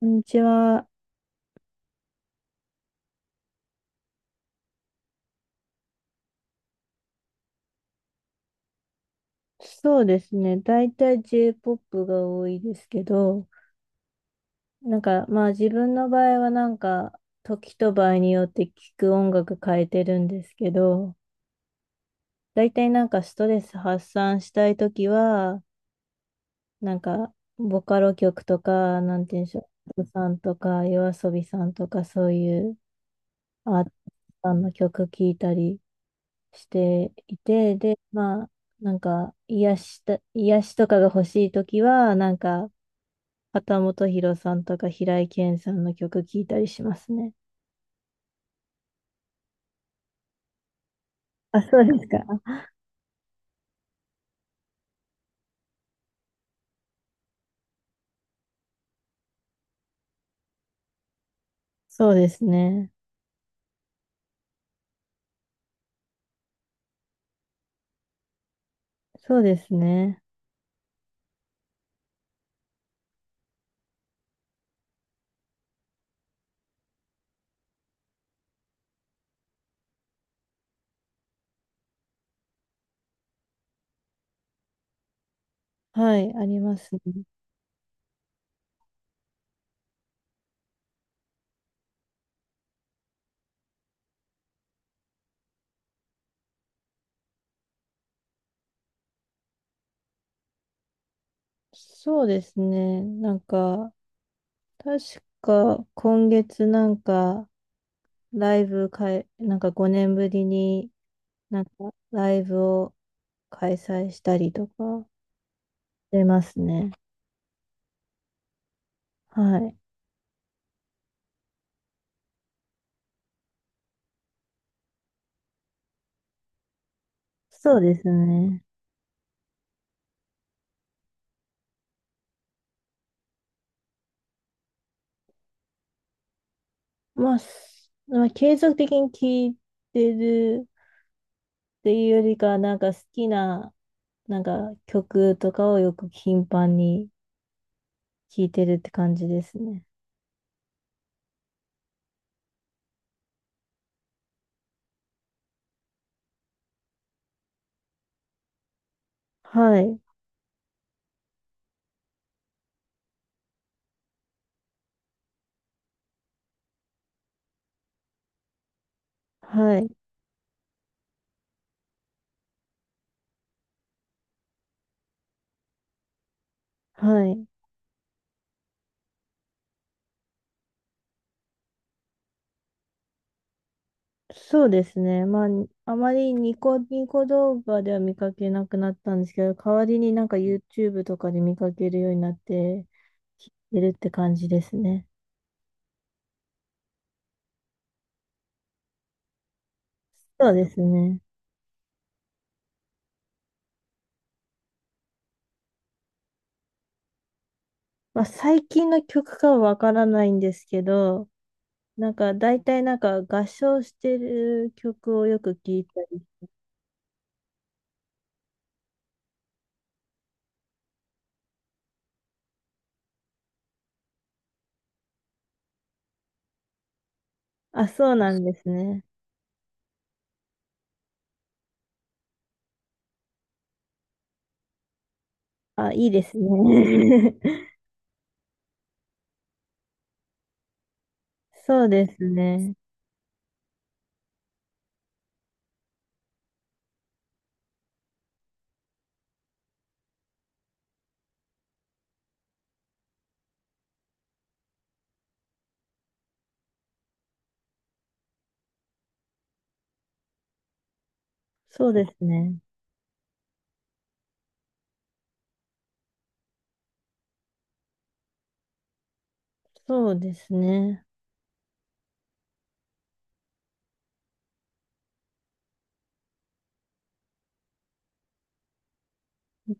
こんにちは。そうですね。大体 J-POP が多いですけど、なんかまあ自分の場合はなんか時と場合によって聴く音楽変えてるんですけど、大体なんかストレス発散したい時は、なんかボカロ曲とか、なんて言うんでしょう、さんとか夜遊びさんとかそういうアーティストさんの曲聴いたりしていて、で、まあなんか癒しとかが欲しい時は、なんか旗本博さんとか平井堅さんの曲聴いたりしますね。あ、そうですか。そうですね。そうですね。はい、ありますね。そうですね。なんか、確か今月なんか、ライブかい、なんか5年ぶりになんかライブを開催したりとかしてますね。はい。そうですね。まあ、まあ継続的に聴いてるっていうよりかは、なんか好きななんか曲とかをよく頻繁に聴いてるって感じですね。はい、はい、はい。そうですね。まあ、あまりニコニコ動画では見かけなくなったんですけど、代わりになんか YouTube とかで見かけるようになって聴いてるって感じですね。そうですね。まあ、最近の曲かはわからないんですけど、なんか大体なんか合唱してる曲をよく聴いたり。あ、そうなんですね。あ、いいですね。そうですね。そうですね。そうですね。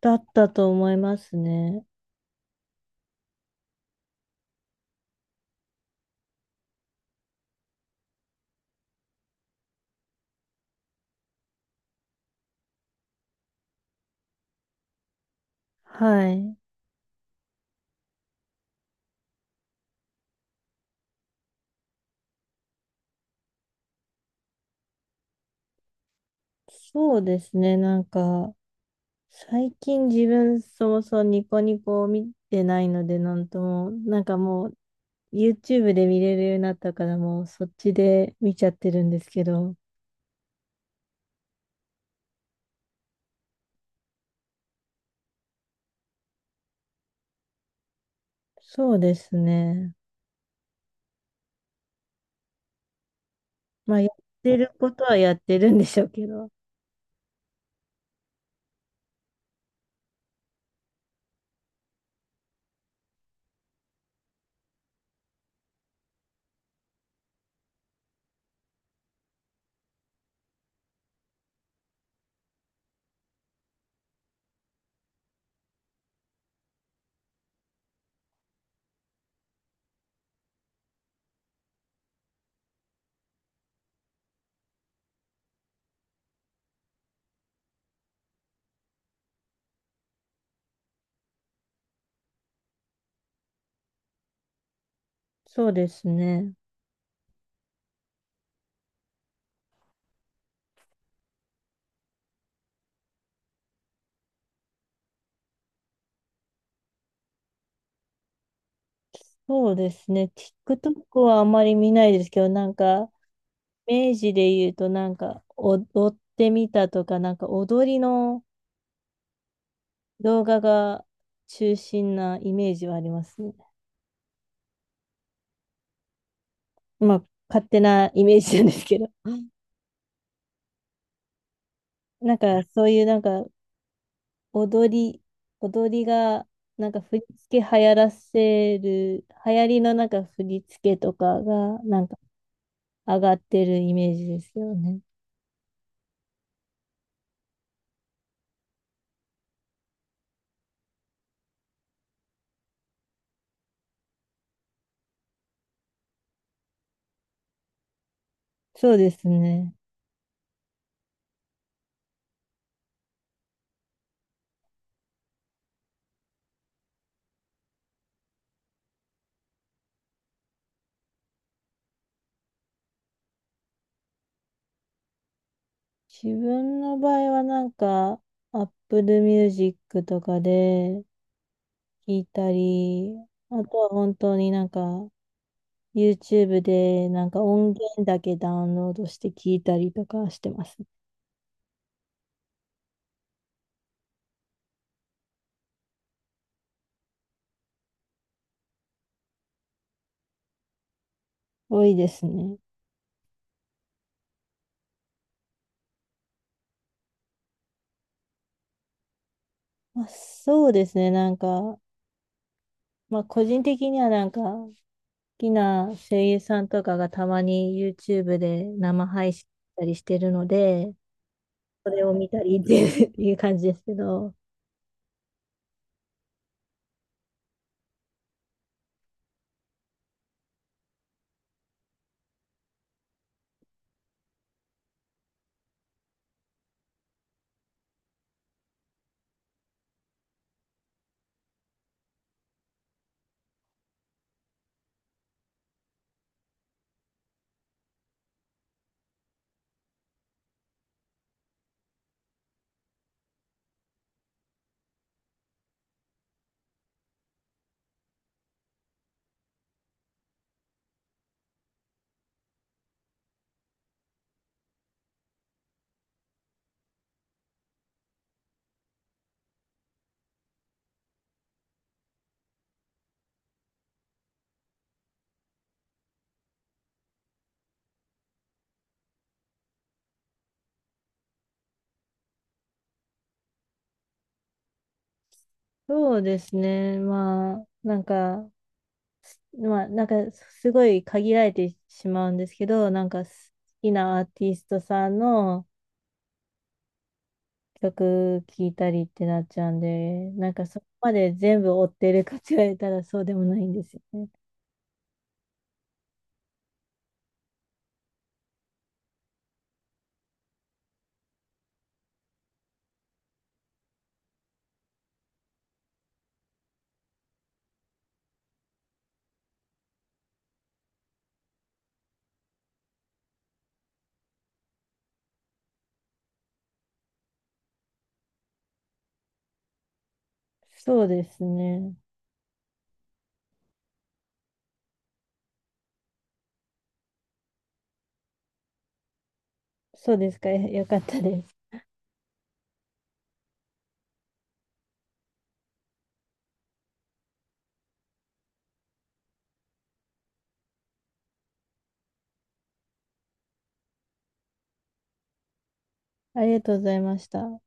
だったと思いますね。はい。そうですね。なんか、最近自分そもそもニコニコを見てないので、なんとも、なんかもう YouTube で見れるようになったから、もうそっちで見ちゃってるんですけど、そうですね。まあ、やってることはやってるんでしょうけど、そうですね。そうですね。TikTok はあまり見ないですけど、なんか、明治で言うと、なんか、踊ってみたとか、なんか、踊りの動画が中心なイメージはありますね。まあ、勝手なイメージなんですけど。なんか、そういう、なんか、踊り、踊りが、なんか、振り付け流行らせる、流行りのなんか、振り付けとかが、なんか、上がってるイメージですよね。そうですね。自分の場合はなんか、Apple Music とかで聞いたり、あとは本当になんか、YouTube でなんか音源だけダウンロードして聞いたりとかしてます。多いですね。まあ、そうですね。なんか、まあ個人的にはなんか、好きな声優さんとかがたまに YouTube で生配信したりしてるので、それを見たりっていう いう感じですけど、そうですね。まあ、なんか、まあ、なんか、すごい限られてしまうんですけど、なんか、好きなアーティストさんの曲聴いたりってなっちゃうんで、なんか、そこまで全部追ってるかって言われたらそうでもないんですよね。そうですね。そうですか。よかったです。ありがとうございました。